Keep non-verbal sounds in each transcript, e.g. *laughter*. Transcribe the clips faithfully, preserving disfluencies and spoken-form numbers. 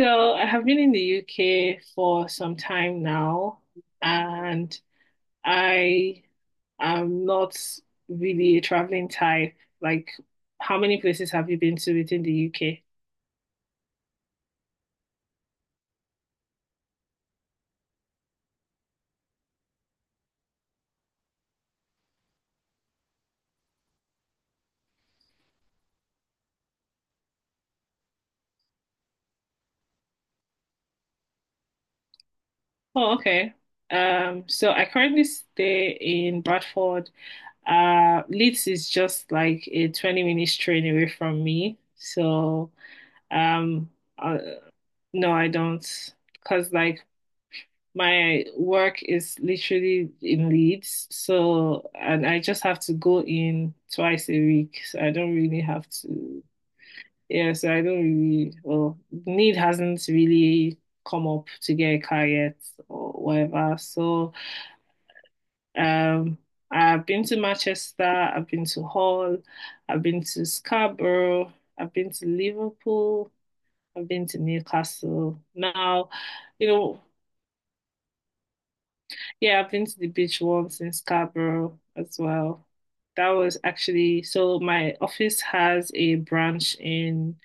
So I have been in the U K for some time now, and I am not really a traveling type. Like, how many places have you been to within the U K? Oh, okay. Um, so I currently stay in Bradford. Uh, Leeds is just like a twenty minutes train away from me. So, um, uh, no, I don't. Because like my work is literally in Leeds, so and I just have to go in twice a week. So I don't really have to, yeah, so I don't really, well, need hasn't really come up to get a car yet or whatever. So um I've been to Manchester, I've been to Hull, I've been to Scarborough, I've been to Liverpool, I've been to Newcastle. Now, you know. Yeah, I've been to the beach once in Scarborough as well. That was actually so my office has a branch in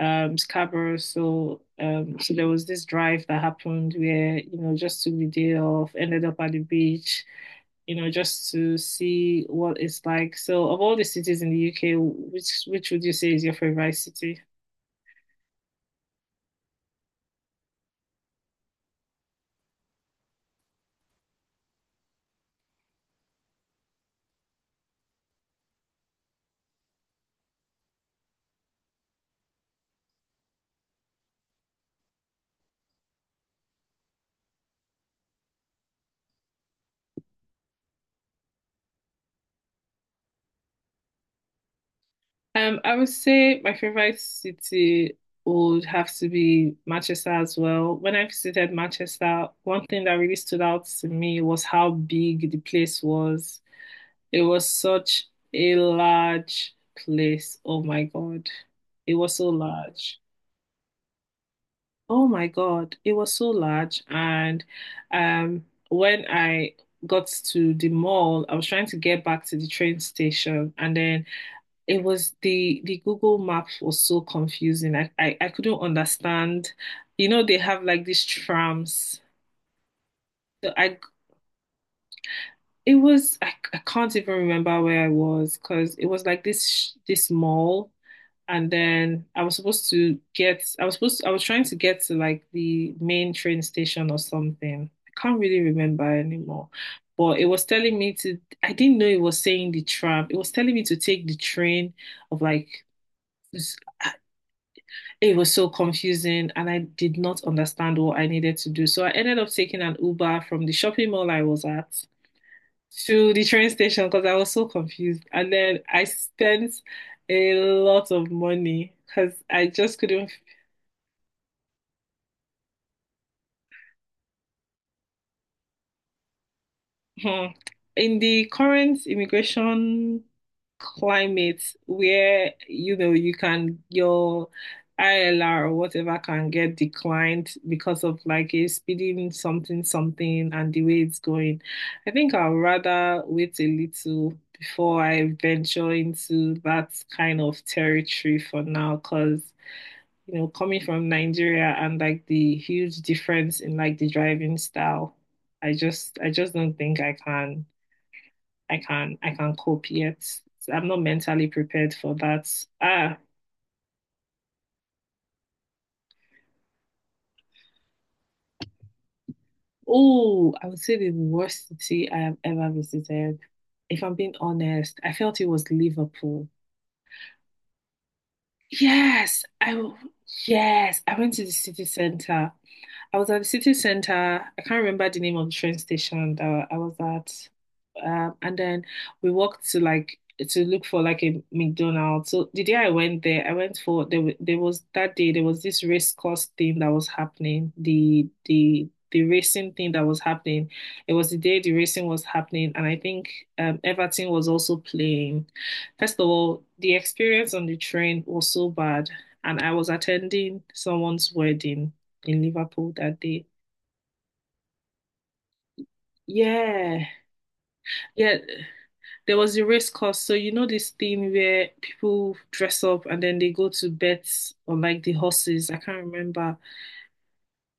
um Scarborough, so um so there was this drive that happened where, you know, just took the day off, ended up at the beach, you know, just to see what it's like. So of all the cities in the U K, which which would you say is your favorite city? Um, I would say my favorite city would have to be Manchester as well. When I visited Manchester, one thing that really stood out to me was how big the place was. It was such a large place. Oh my God. It was so large. Oh my God. It was so large. And um, when I got to the mall, I was trying to get back to the train station, and then it was the the Google Maps was so confusing. I, I I couldn't understand. You know, they have like these trams. So I it was I, I can't even remember where I was because it was like this sh- this mall, and then I was supposed to get I was supposed to, I was trying to get to like the main train station or something. I can't really remember anymore. But it was telling me to, I didn't know it was saying the tram. It was telling me to take the train of like it was so confusing, and I did not understand what I needed to do. So I ended up taking an Uber from the shopping mall I was at to the train station because I was so confused. And then I spent a lot of money because I just couldn't. Hmm. In the current immigration climate where you know you can your I L R or whatever can get declined because of like a speeding something something and the way it's going, I think I'll rather wait a little before I venture into that kind of territory for now because you know, coming from Nigeria and like the huge difference in like the driving style, I just I just don't think I can I can I can cope yet. I'm not mentally prepared for that. Ah, oh, I would say the worst city I have ever visited. If I'm being honest, I felt it was Liverpool. Yes, I yes, I went to the city center. I was at the city center. I can't remember the name of the train station that I was at. Um, and then we walked to like to look for like a McDonald's. So the day I went there, I went for there. Wa- There was that day there was this race course thing that was happening. The the the racing thing that was happening. It was the day the racing was happening, and I think um, Everton was also playing. First of all, the experience on the train was so bad, and I was attending someone's wedding in Liverpool that day. Yeah, yeah. There was a race course. So you know this thing where people dress up and then they go to bet on like the horses. I can't remember.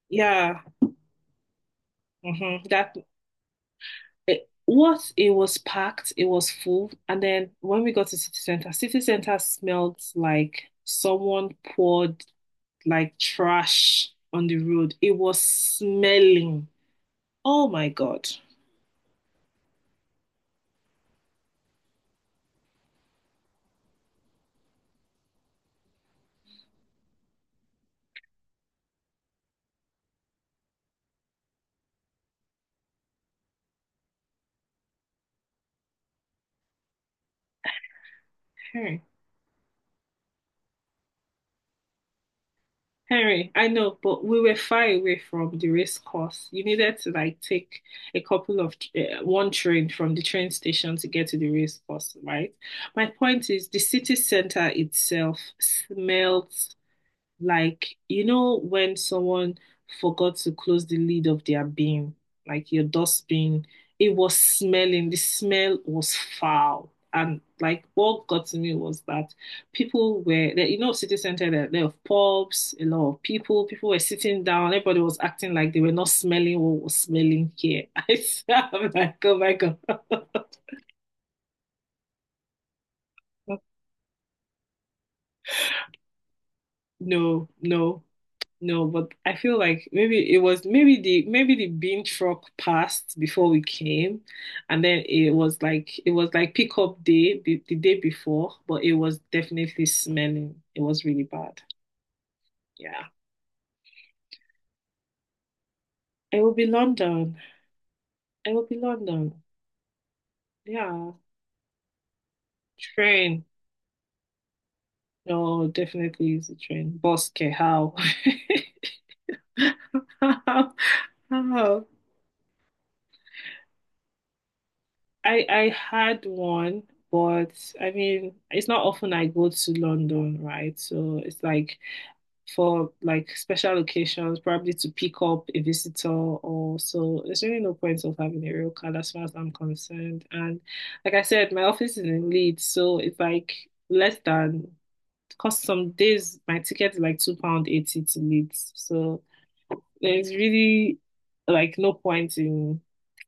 Yeah, hmm, that it, what it was packed, it was full. And then when we got to city center, city center smelled like someone poured like trash on the road. It was smelling. Oh my God. Hmm. Henry, I know, but we were far away from the race course. You needed to like take a couple of uh, one train from the train station to get to the race course, right? My point is the city center itself smells. Like, you know, when someone forgot to close the lid of their bin, like your dustbin, it was smelling, the smell was foul. And like what got to me was that people were there, you know, city center, there, there are pubs, a lot of people, people were sitting down, everybody was acting like they were not smelling what was smelling here. *laughs* I am like, oh my God. *laughs* No, no. No, but I feel like maybe it was maybe the maybe the bean truck passed before we came, and then it was like it was like pickup day the, the day before, but it was definitely smelling. It was really bad. Yeah. It will be London. It will be London. Yeah. Train. No, definitely is a train. Bus, okay, how? *laughs* How? How? I I had one, but I mean, it's not often I go to London, right? So it's like for like special occasions, probably to pick up a visitor or so. There's really no point of having a real card as far as I'm concerned. And like I said, my office is in Leeds, so it's like less than cost some days my ticket is like two pound eighty to Leeds. So there's really like no point in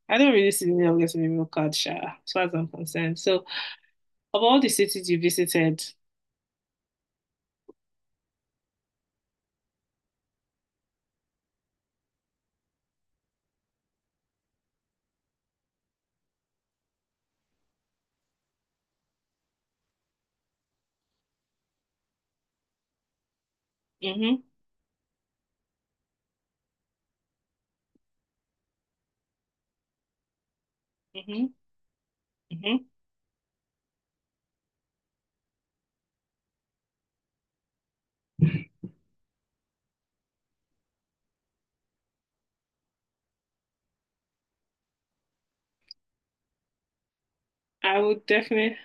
I don't really see the need of getting a meal card, Sha, as far as I'm concerned. So, of all the cities you visited, hmm hmm hmm I would definitely,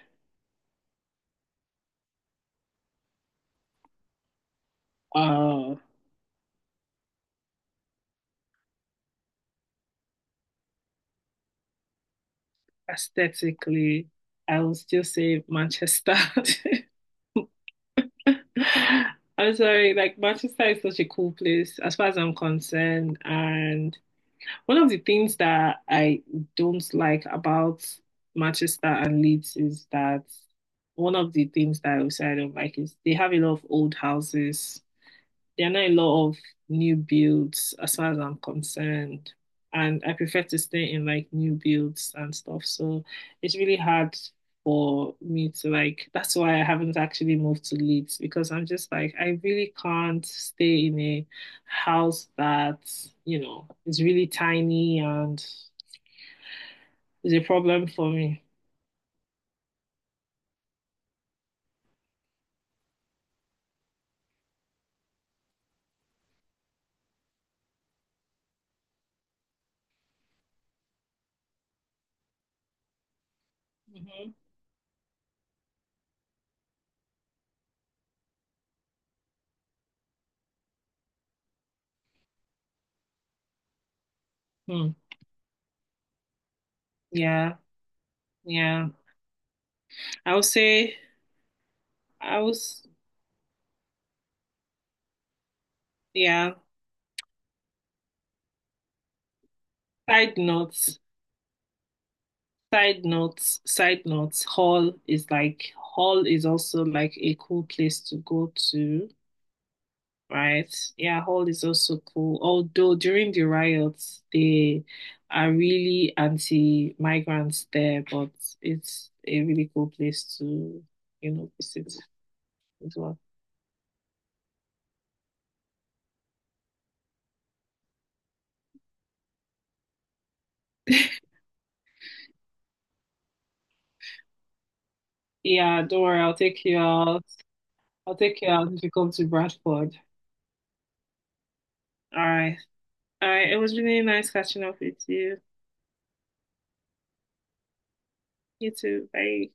uh, aesthetically, I would still say Manchester. *laughs* I'm sorry, like Manchester is such a cool place as far as I'm concerned, and one of the things that I don't like about Manchester and Leeds is that one of the things that I would say I don't like is they have a lot of old houses. There are not a lot of new builds as far as I'm concerned. And I prefer to stay in like new builds and stuff. So it's really hard for me to like, that's why I haven't actually moved to Leeds because I'm just like, I really can't stay in a house that, you know, is really tiny and is a problem for me. Hmm. Hmm. Yeah. Yeah. I would say I was, yeah, side note. Side notes, side notes, Hull is like Hull is also like a cool place to go to, right? Yeah, Hull is also cool. Although during the riots, they are really anti-migrants there, but it's a really cool place to, you know, visit as well. *laughs* Yeah, don't worry, I'll take you out. I'll take you out if you come to Bradford. All right. All right. It was really nice catching up with you. You too. Bye.